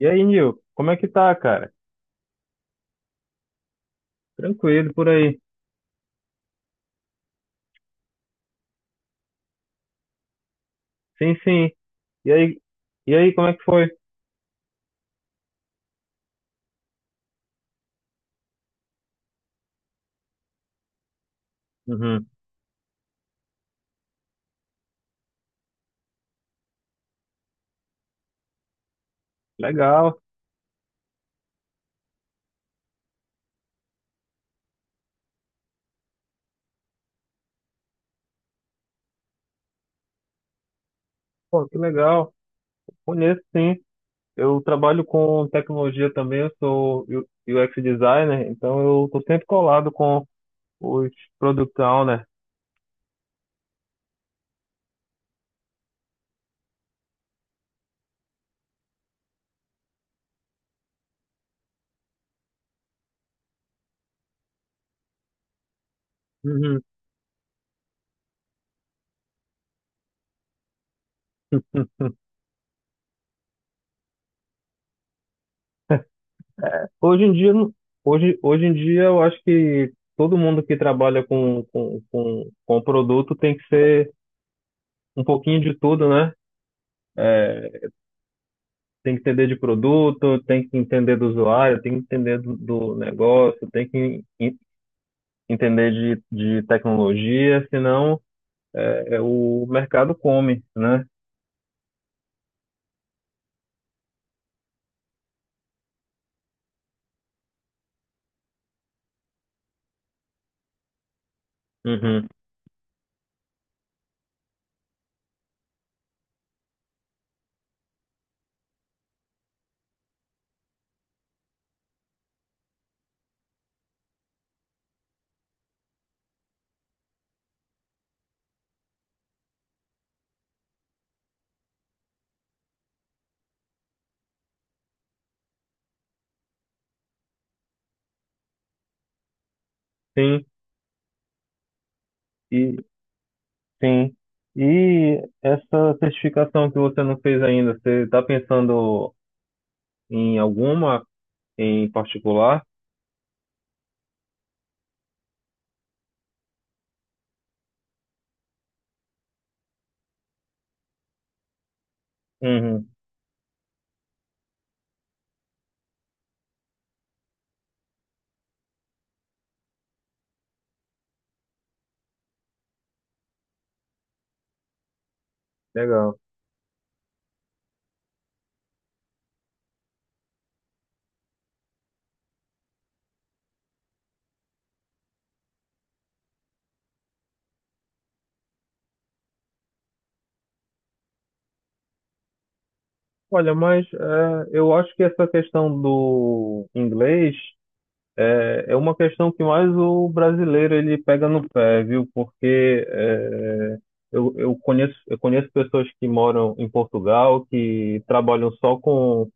E aí, Nil, como é que tá, cara? Tranquilo por aí. Sim, sim. E aí, como é que foi? Uhum. Legal. Pô, que legal. Conheço, sim. Eu trabalho com tecnologia também, eu sou UX designer, então eu tô sempre colado com os product owner. Uhum. Hoje em dia, hoje, em dia eu acho que todo mundo que trabalha com produto tem que ser um pouquinho de tudo, né? Tem que entender de produto, tem que entender do usuário, tem que entender do, do negócio, entender de tecnologia, senão é, o mercado come, né? Uhum. Sim, e sim. E essa certificação que você não fez ainda, você está pensando em alguma em particular? Uhum, legal. Olha, mas é, eu acho que essa questão do inglês é, é uma questão que mais o brasileiro ele pega no pé, viu? Porque é, eu conheço, eu conheço pessoas que moram em Portugal, que trabalham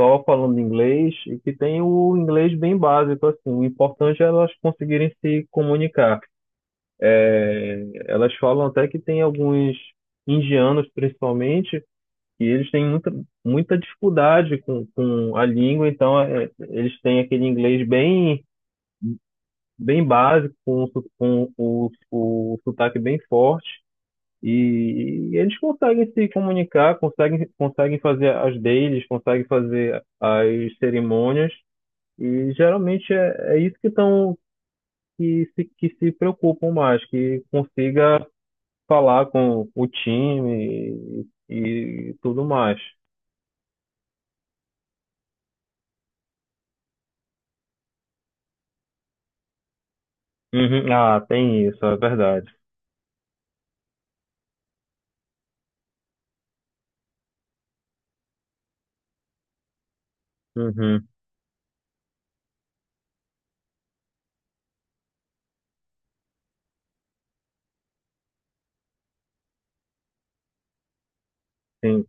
só falando inglês e que têm o inglês bem básico, assim. O importante é elas conseguirem se comunicar. Elas falam até que tem alguns indianos, principalmente, que eles têm muita dificuldade com a língua, então é, eles têm aquele inglês bem básico, com, com o sotaque bem forte, e eles conseguem se comunicar, conseguem, conseguem fazer as deles, conseguem fazer as cerimônias, e geralmente é, que se preocupam mais, que consiga falar com o time e tudo mais. Uhum. Ah, tem isso, é verdade. Uhum, sim.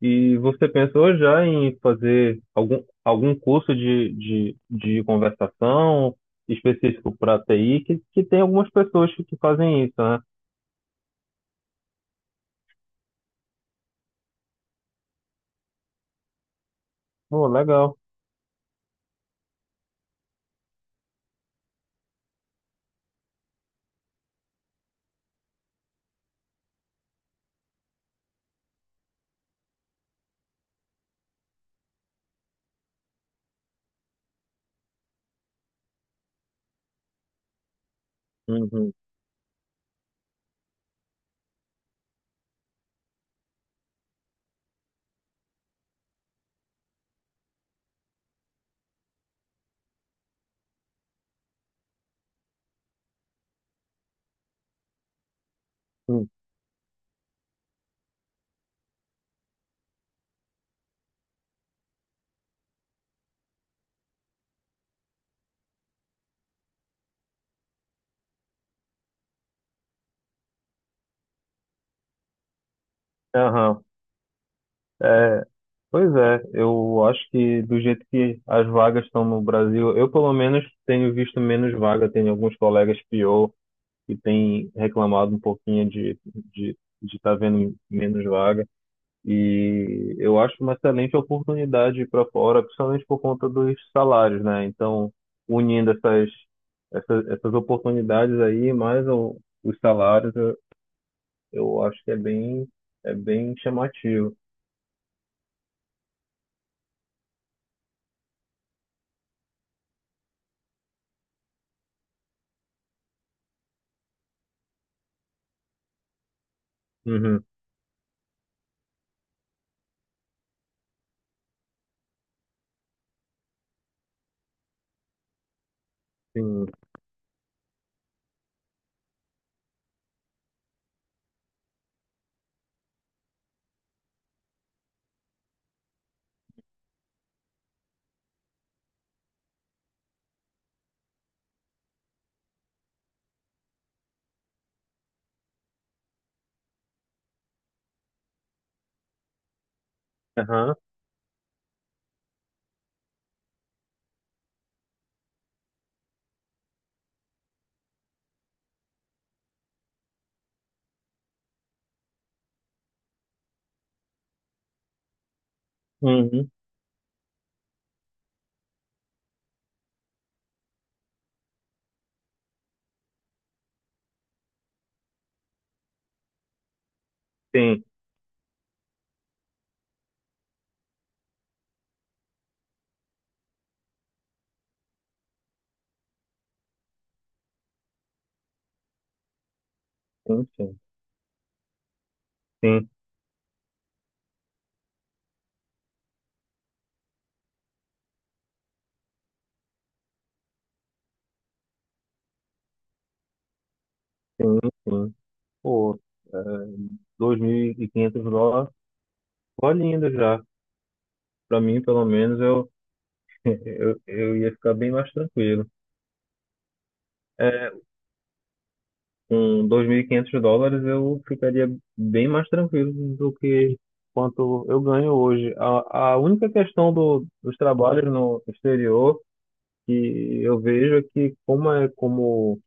E você pensou já em fazer algum, algum curso de, de conversação específico para TI, que tem algumas pessoas que fazem isso, né? Pô, legal. Uhum. Uhum. Aham. É, pois é, eu acho que do jeito que as vagas estão no Brasil, eu pelo menos tenho visto menos vaga, tenho alguns colegas pior que têm reclamado um pouquinho de estar vendo menos vaga. E eu acho uma excelente oportunidade para fora, principalmente por conta dos salários, né? Então, unindo essas oportunidades aí, os salários, eu acho que é bem chamativo. Uhum, sim. Aham. Uhum, sim, sim, sim, sim, sim, sim. Pô, é, 2.500 dólares, ó, lindo já. Para mim, pelo menos, eu, eu ia ficar bem mais tranquilo. É, com 2.500 dólares eu ficaria bem mais tranquilo do que quanto eu ganho hoje. A única questão do, dos trabalhos no exterior que eu vejo é que como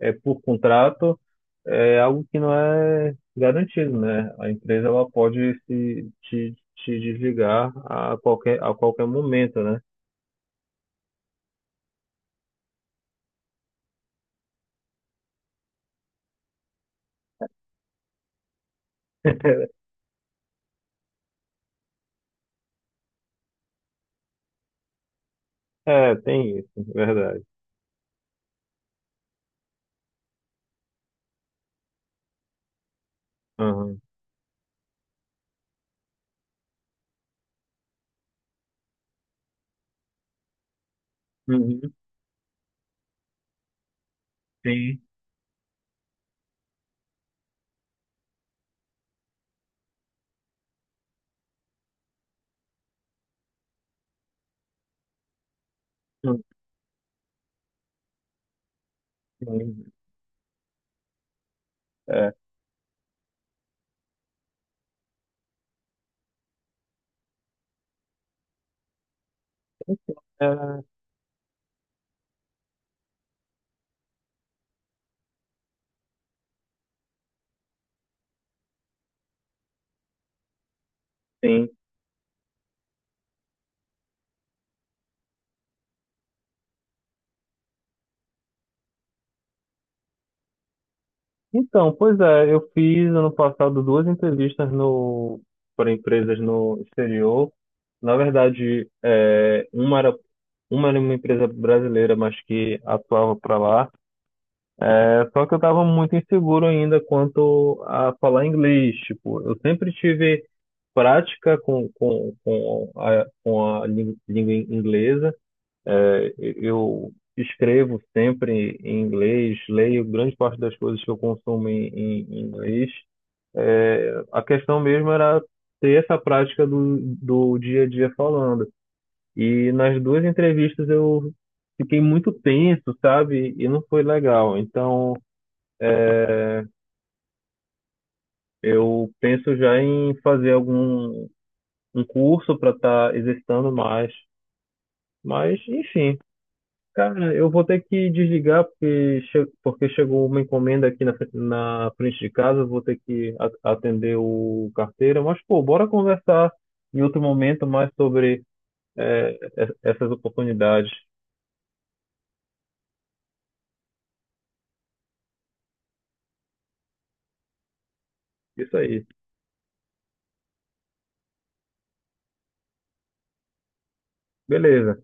é por contrato, é algo que não é garantido, né? A empresa ela pode se te, te desligar a qualquer momento, né? É, tem isso, verdade. Aham. Uhum. Sim. Sim. É. É, sim. Então, pois é, eu fiz ano passado duas entrevistas para empresas no exterior. Na verdade, é, uma era uma empresa brasileira, mas que atuava para lá. É, só que eu estava muito inseguro ainda quanto a falar inglês. Tipo, eu sempre tive prática com, com a, com a língua inglesa. É, eu escrevo sempre em inglês, leio grande parte das coisas que eu consumo em, em inglês. É, a questão mesmo era ter essa prática do, do dia a dia falando. E nas duas entrevistas eu fiquei muito tenso, sabe? E não foi legal. Então eu penso já em fazer algum um curso para estar exercitando mais. Mas, enfim. Cara, eu vou ter que desligar porque, porque chegou uma encomenda aqui na, na frente de casa, vou ter que atender o carteiro. Mas, pô, bora conversar em outro momento mais sobre essas oportunidades. Isso aí. Beleza.